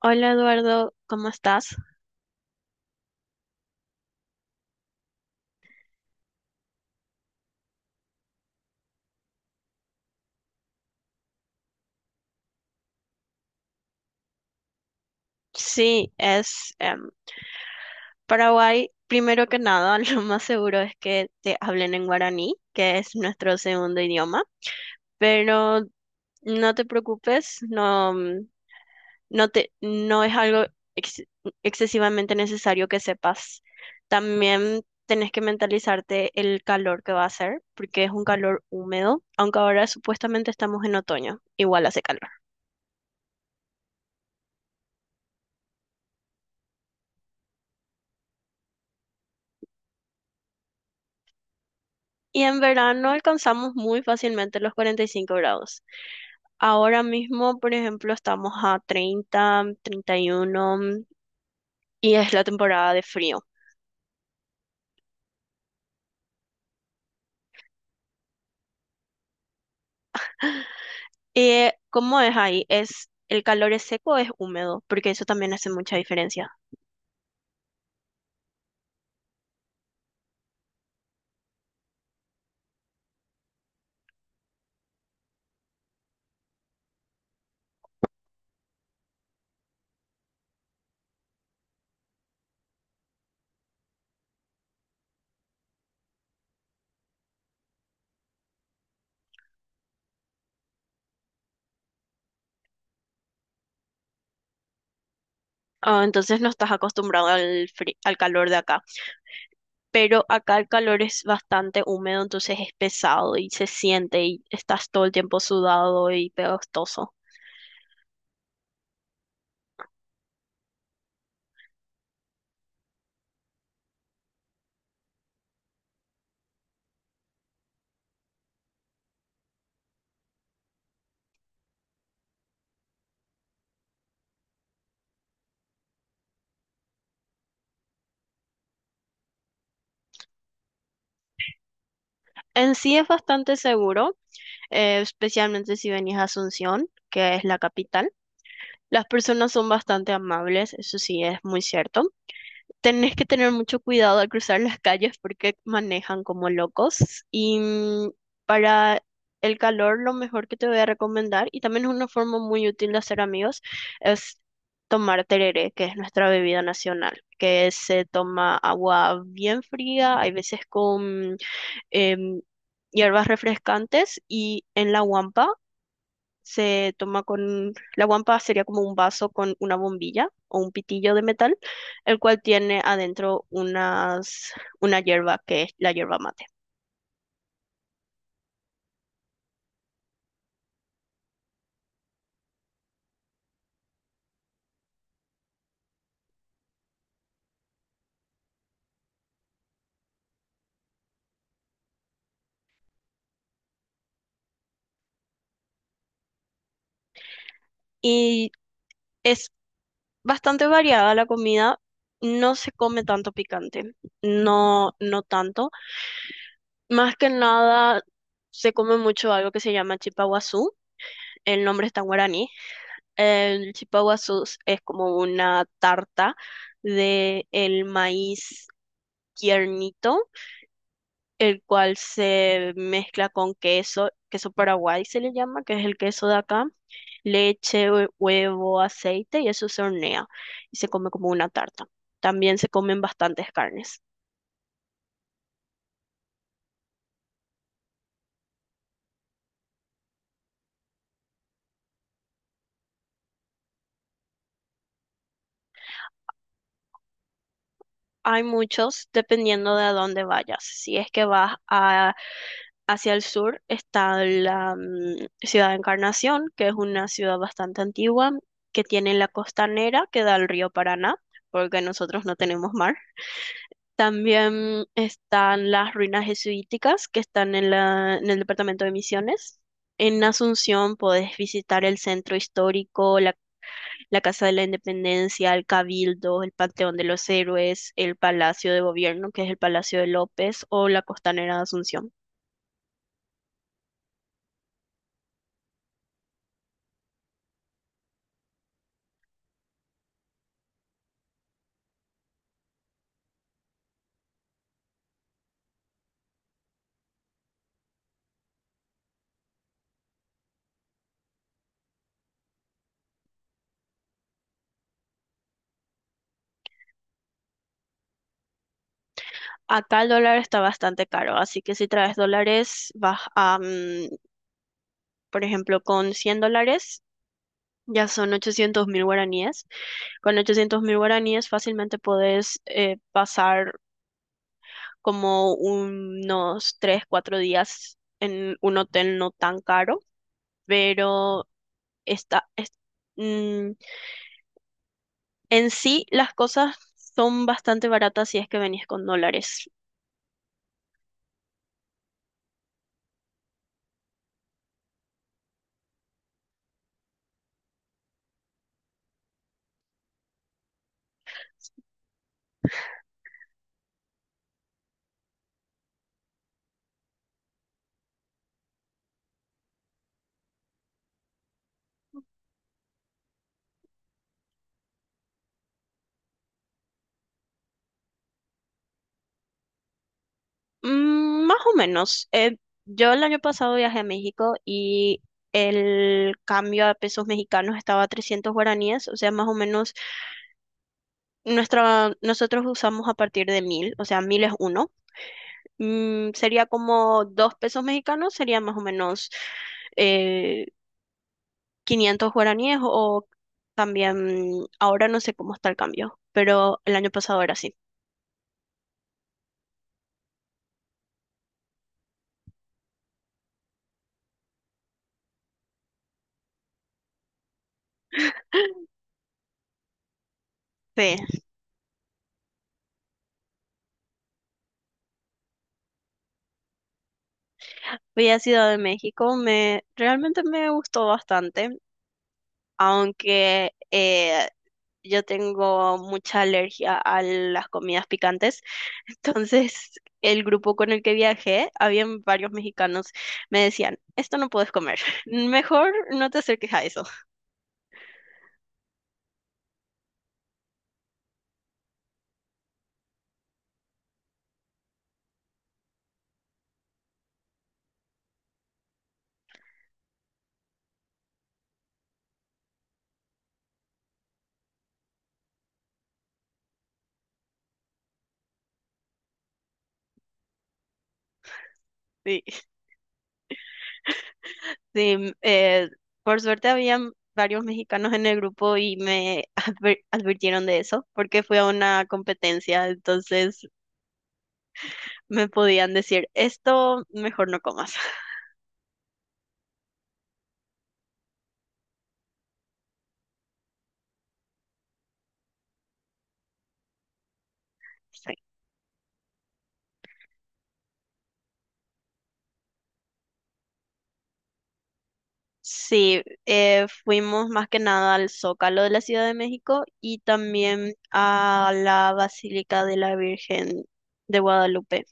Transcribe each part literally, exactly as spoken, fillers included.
Hola Eduardo, ¿cómo estás? Sí, es em, Paraguay. Primero que nada, lo más seguro es que te hablen en guaraní, que es nuestro segundo idioma, pero no te preocupes, no, mm, no te, no es algo ex- excesivamente necesario que sepas. También tenés que mentalizarte el calor que va a hacer, porque es un calor húmedo, aunque ahora supuestamente estamos en otoño, igual hace calor. Y en verano alcanzamos muy fácilmente los cuarenta y cinco grados. Ahora mismo, por ejemplo, estamos a treinta, treinta y uno y uno mm, y es la temporada de frío. Eh, ¿cómo es ahí? ¿Es ¿el calor es seco o es húmedo? Porque eso también hace mucha diferencia. Ah, entonces no estás acostumbrado al fri- al calor de acá, pero acá el calor es bastante húmedo, entonces es pesado y se siente y estás todo el tiempo sudado y pegostoso. En sí es bastante seguro, eh, especialmente si venís a Asunción, que es la capital. Las personas son bastante amables, eso sí es muy cierto. Tenés que tener mucho cuidado al cruzar las calles porque manejan como locos. Y, mm, para el calor, lo mejor que te voy a recomendar, y también es una forma muy útil de hacer amigos, es tomar tereré, que es nuestra bebida nacional, que se toma agua bien fría, hay veces con em, hierbas refrescantes, y en la guampa se toma con, la guampa sería como un vaso con una bombilla o un pitillo de metal, el cual tiene adentro unas, una hierba que es la hierba mate. Y es bastante variada la comida, no se come tanto picante, no, no tanto. Más que nada se come mucho algo que se llama chipaguazú, el nombre está en guaraní. El chipaguazú es como una tarta de el maíz tiernito, el cual se mezcla con queso, queso paraguay se le llama, que es el queso de acá, leche, hue- huevo, aceite, y eso se hornea y se come como una tarta. También se comen bastantes carnes. Hay muchos dependiendo de a dónde vayas. Si es que vas a- hacia el sur, está la mm, ciudad de Encarnación, que es una ciudad bastante antigua, que tiene la costanera que da al río Paraná, porque nosotros no tenemos mar. También están las ruinas jesuíticas que están en la, en el departamento de Misiones. En Asunción podés visitar el centro histórico, la, la Casa de la Independencia, el Cabildo, el Panteón de los Héroes, el Palacio de Gobierno, que es el Palacio de López, o la Costanera de Asunción. Acá el dólar está bastante caro, así que si traes dólares, vas a, mm, por ejemplo, con cien dólares ya son ochocientos mil guaraníes. Con ochocientos mil guaraníes fácilmente podés eh, pasar como unos tres cuatro días en un hotel no tan caro, pero está, es- mm, en sí las cosas son bastante baratas si es que venís con dólares. Mm, más o menos. Eh, yo el año pasado viajé a México y el cambio a pesos mexicanos estaba a trescientos guaraníes, o sea, más o menos nuestra, nosotros usamos a partir de mil, o sea, mil es uno, mm, sería como dos pesos mexicanos, sería más o menos eh, quinientos guaraníes. O también, ahora no sé cómo está el cambio, pero el año pasado era así. Sí, fui a Ciudad de México, me, realmente me gustó bastante, aunque eh, yo tengo mucha alergia a las comidas picantes, entonces el grupo con el que viajé, habían varios mexicanos, me decían, esto no puedes comer, mejor no te acerques a eso. Sí, sí, eh, por suerte habían varios mexicanos en el grupo y me adver- advirtieron de eso porque fui a una competencia, entonces me podían decir, esto mejor no comas. Sí. Sí, eh, fuimos más que nada al Zócalo de la Ciudad de México y también a la Basílica de la Virgen de Guadalupe.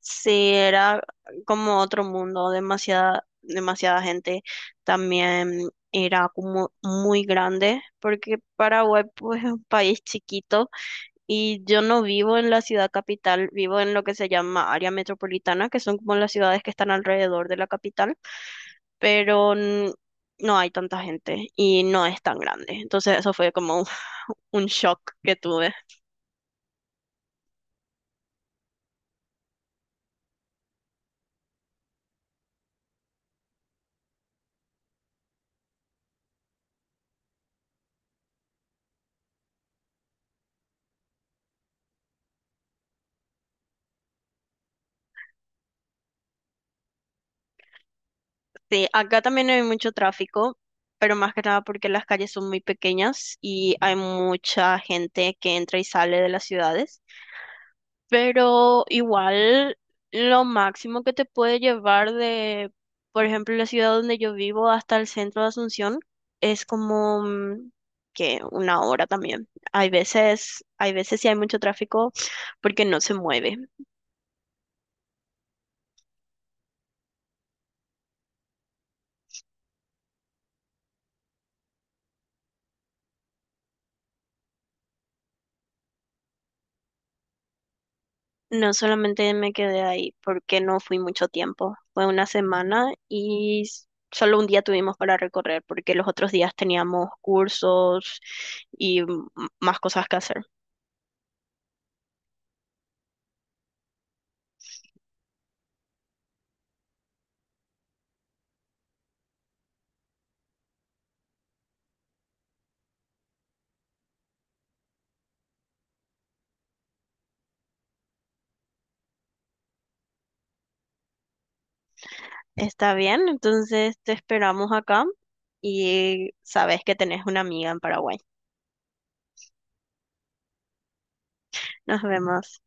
Sí, era como otro mundo, demasiada, demasiada gente. También era como muy grande, porque Paraguay pues, es un país chiquito y yo no vivo en la ciudad capital, vivo en lo que se llama área metropolitana, que son como las ciudades que están alrededor de la capital, pero n- no hay tanta gente y no es tan grande. Entonces eso fue como un un shock que tuve. Sí, acá también hay mucho tráfico, pero más que nada porque las calles son muy pequeñas y hay mucha gente que entra y sale de las ciudades. Pero igual lo máximo que te puede llevar de, por ejemplo, la ciudad donde yo vivo hasta el centro de Asunción es como mm, que una hora también. Hay veces, hay veces sí hay mucho tráfico porque no se mueve. No, solamente me quedé ahí porque no fui mucho tiempo. Fue una semana y s- solo un día tuvimos para recorrer porque los otros días teníamos cursos y m- más cosas que hacer. Está bien, entonces te esperamos acá y sabes que tenés una amiga en Paraguay. Nos vemos.